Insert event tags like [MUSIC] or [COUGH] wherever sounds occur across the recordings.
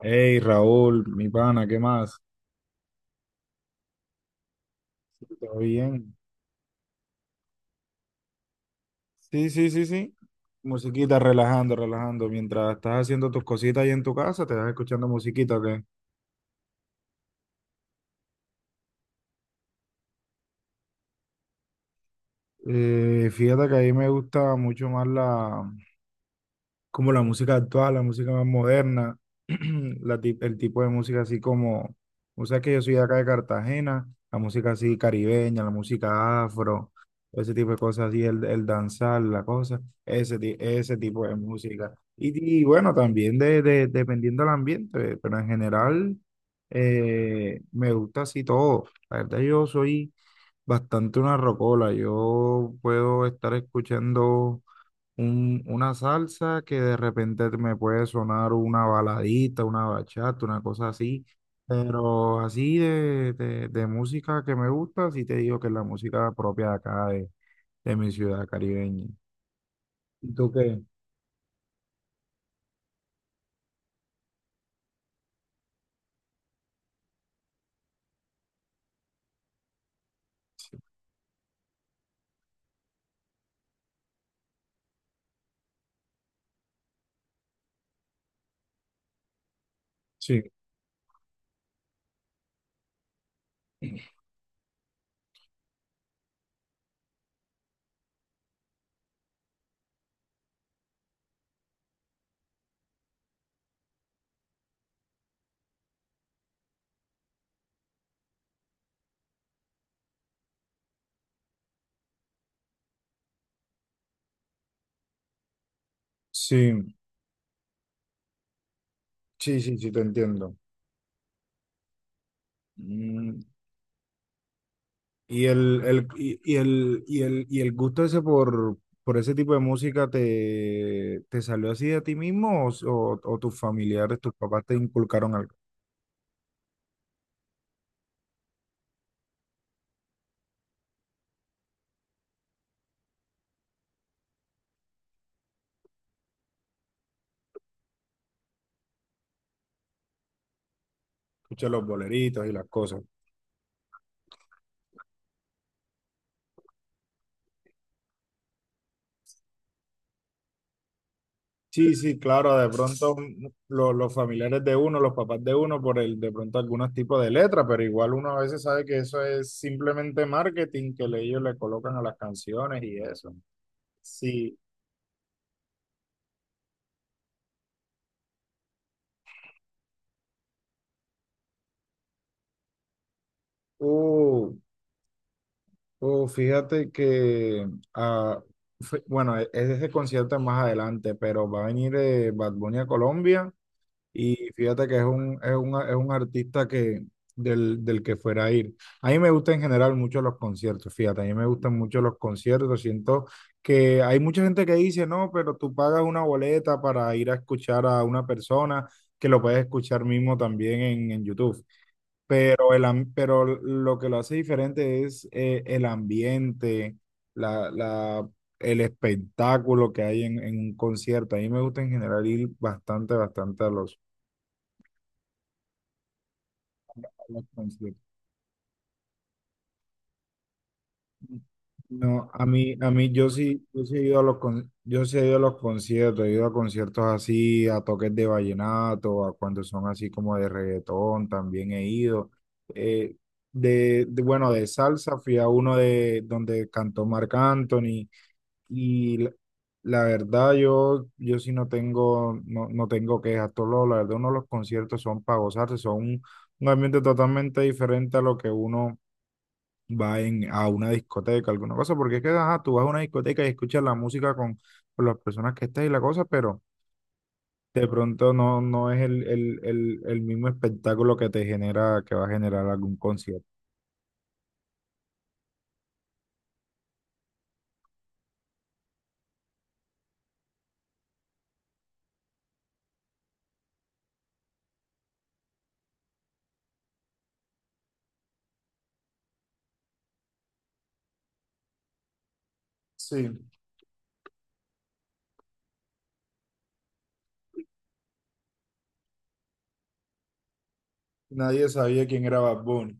Hey Raúl, mi pana, ¿qué más? ¿Todo bien? Sí, sí, sí, sí. Musiquita, relajando, relajando. Mientras estás haciendo tus cositas ahí en tu casa, te vas escuchando musiquita, ¿ok? Fíjate que a mí me gusta mucho más como la música actual, la música más moderna, [CLEARS THROAT] el tipo de música así como, o sea que yo soy de acá de Cartagena, la música así caribeña, la música afro, ese tipo de cosas así, el danzar, la cosa, ese tipo de música. Y bueno, también dependiendo del ambiente, pero en general me gusta así todo. La verdad yo soy bastante una rocola, yo puedo estar escuchando una salsa que de repente me puede sonar una baladita, una bachata, una cosa así, pero así de música que me gusta, sí te digo que es la música propia de acá, de mi ciudad caribeña. ¿Y tú qué? Sí, sí, sí, sí, sí, te entiendo. Mm, y y el gusto ese por ese tipo de música te, ¿te salió así de ti mismo o, o tus familiares, tus papás te inculcaron algo? Escucha los boleritos y las cosas. Sí, sí, claro, de pronto mm, los familiares de uno, los papás de uno, por el de pronto algunos tipos de letra, pero igual uno a veces sabe que eso es simplemente marketing que ellos le colocan a las canciones y eso. Sí, uh, fíjate que, ah, bueno, es ese concierto es más adelante, pero va a venir Bad Bunny a Colombia. Y fíjate que es un, es un, es un artista del, del que fuera a ir. A mí me gustan en general mucho los conciertos, fíjate, a mí me gustan mucho los conciertos. Siento que hay mucha gente que dice, no, pero tú pagas una boleta para ir a escuchar a una persona que lo puedes escuchar mismo también en YouTube. Pero, pero lo que lo hace diferente es el ambiente, la, la, el espectáculo que hay en un concierto. A mí me gusta en general ir bastante, bastante a los conciertos. No, a mí, yo sí he ido a los con- yo sí he ido a los conciertos, he ido a conciertos así, a toques de vallenato, a cuando son así como de reggaetón, también he ido. Eh, bueno, de salsa fui a uno de donde cantó Marc Anthony y la verdad yo, yo sí no tengo, no, no tengo quejas, la verdad uno de los conciertos son para gozarse, son un ambiente totalmente diferente a lo que uno a una discoteca, alguna cosa, porque es que ajá, tú vas a una discoteca y escuchas la música con las personas que estés y la cosa, pero de pronto no, no es el mismo espectáculo que te genera, que va a generar algún concierto. Sí, nadie sabía quién era Bad Bunny.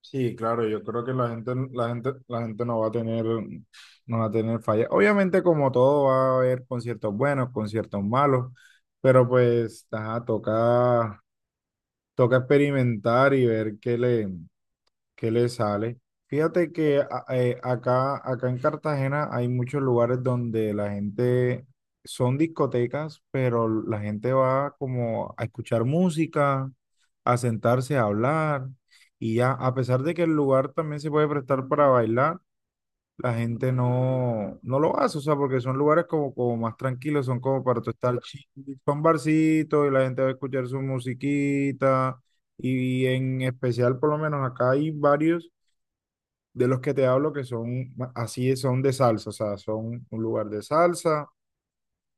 Sí, claro, yo creo que la gente, la gente, la gente no va a tener, no va a tener falla. Obviamente, como todo, va a haber conciertos buenos, conciertos malos, pero pues, ajá, toca, toca experimentar y ver que le sale. Fíjate que acá, acá en Cartagena hay muchos lugares donde la gente son discotecas, pero la gente va como a escuchar música, a sentarse a hablar y ya, a pesar de que el lugar también se puede prestar para bailar, la gente no, no lo hace, o sea, porque son lugares como, como más tranquilos, son como para tú estar chill, son barcitos y la gente va a escuchar su musiquita. Y en especial, por lo menos acá hay varios de los que te hablo que así, son de salsa, o sea, son un lugar de salsa,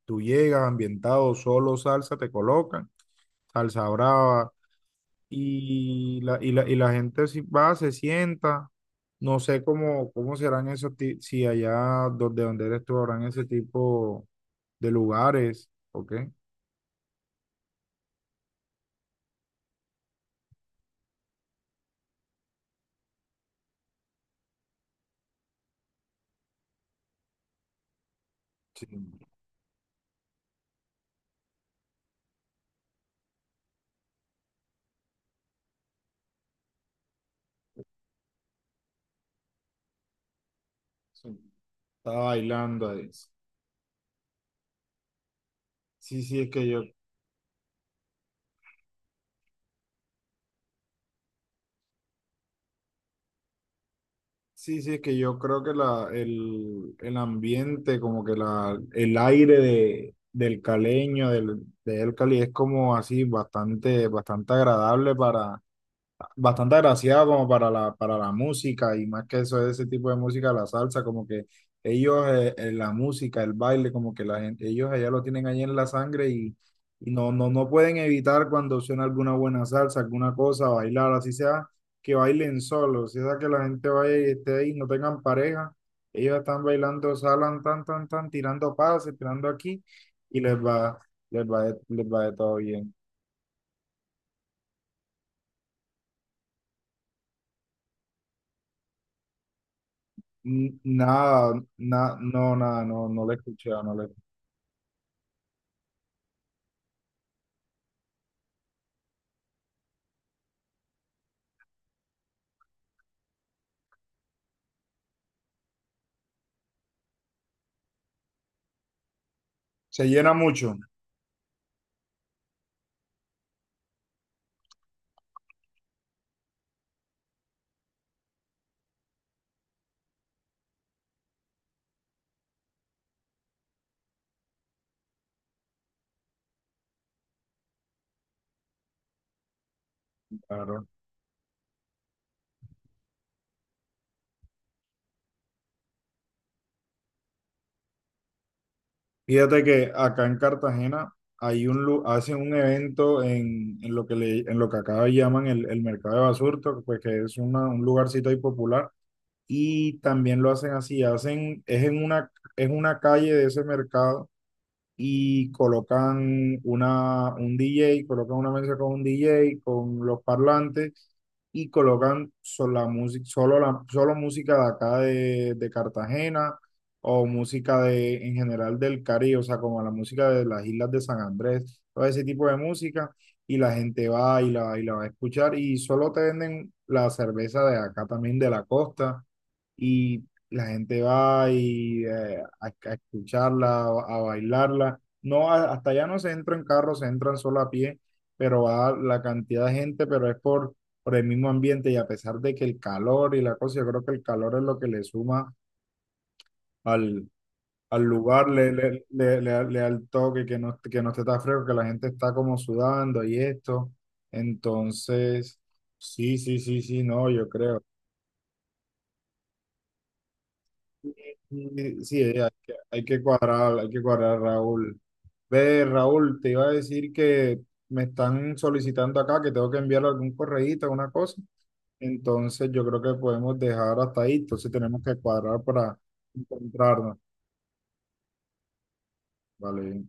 tú llegas ambientado, solo salsa te colocan, salsa brava, y la gente si va, se sienta, no sé cómo, si allá donde, donde eres tú habrán ese tipo de lugares, ¿ok? Sí, sí. Está bailando ahí. Sí, sí, es que yo Sí, sí, es que yo creo que el ambiente, como que el aire de, del caleño, del, de El Cali, es como así bastante, bastante agradable para, bastante agraciado como para para la música y más que eso, ese tipo de música, la salsa, como que ellos, la música, el baile, como que la gente, ellos allá lo tienen ahí en la sangre y no, no, no pueden evitar cuando suena alguna buena salsa, alguna cosa, bailar, así sea que bailen solos, así sea que la gente vaya y esté ahí, no tengan pareja, ellos están bailando, salan, tan, tan, tan, tirando pases, tirando aquí y les va, les va de todo bien. Nada, no, nada, no, no la he escuchado, no la he- Se llena mucho, claro. Fíjate que acá en Cartagena hay hacen un evento en lo que le, en lo que acá llaman el mercado de Basurto, pues que es un lugarcito ahí popular, y también lo hacen así, hacen, es en una, es una calle de ese mercado y colocan una, un DJ, colocan una mesa con un DJ, con los parlantes y colocan solo la música, solo música de acá de Cartagena o música de, en general del Caribe, o sea, como la música de las islas de San Andrés, todo ese tipo de música y la gente va y y la va a escuchar y solo te venden la cerveza de acá también de la costa y la gente va y, a escucharla, a bailarla. Hasta allá no se entra en carro, se entran solo a pie, pero va la cantidad de gente, pero es por el mismo ambiente y a pesar de que el calor y la cosa, yo creo que el calor es lo que le suma al, al lugar, le da el toque, que no esté tan fresco, que la gente está como sudando y esto. Entonces, sí, sí, sí, sí, no, yo creo. Sí, sí, hay que cuadrar, Raúl. Ve, Raúl, te iba a decir que me están solicitando acá que tengo que enviar algún correíto, alguna cosa. Entonces yo creo que podemos dejar hasta ahí. Entonces tenemos que cuadrar para encontrarnos. Vale.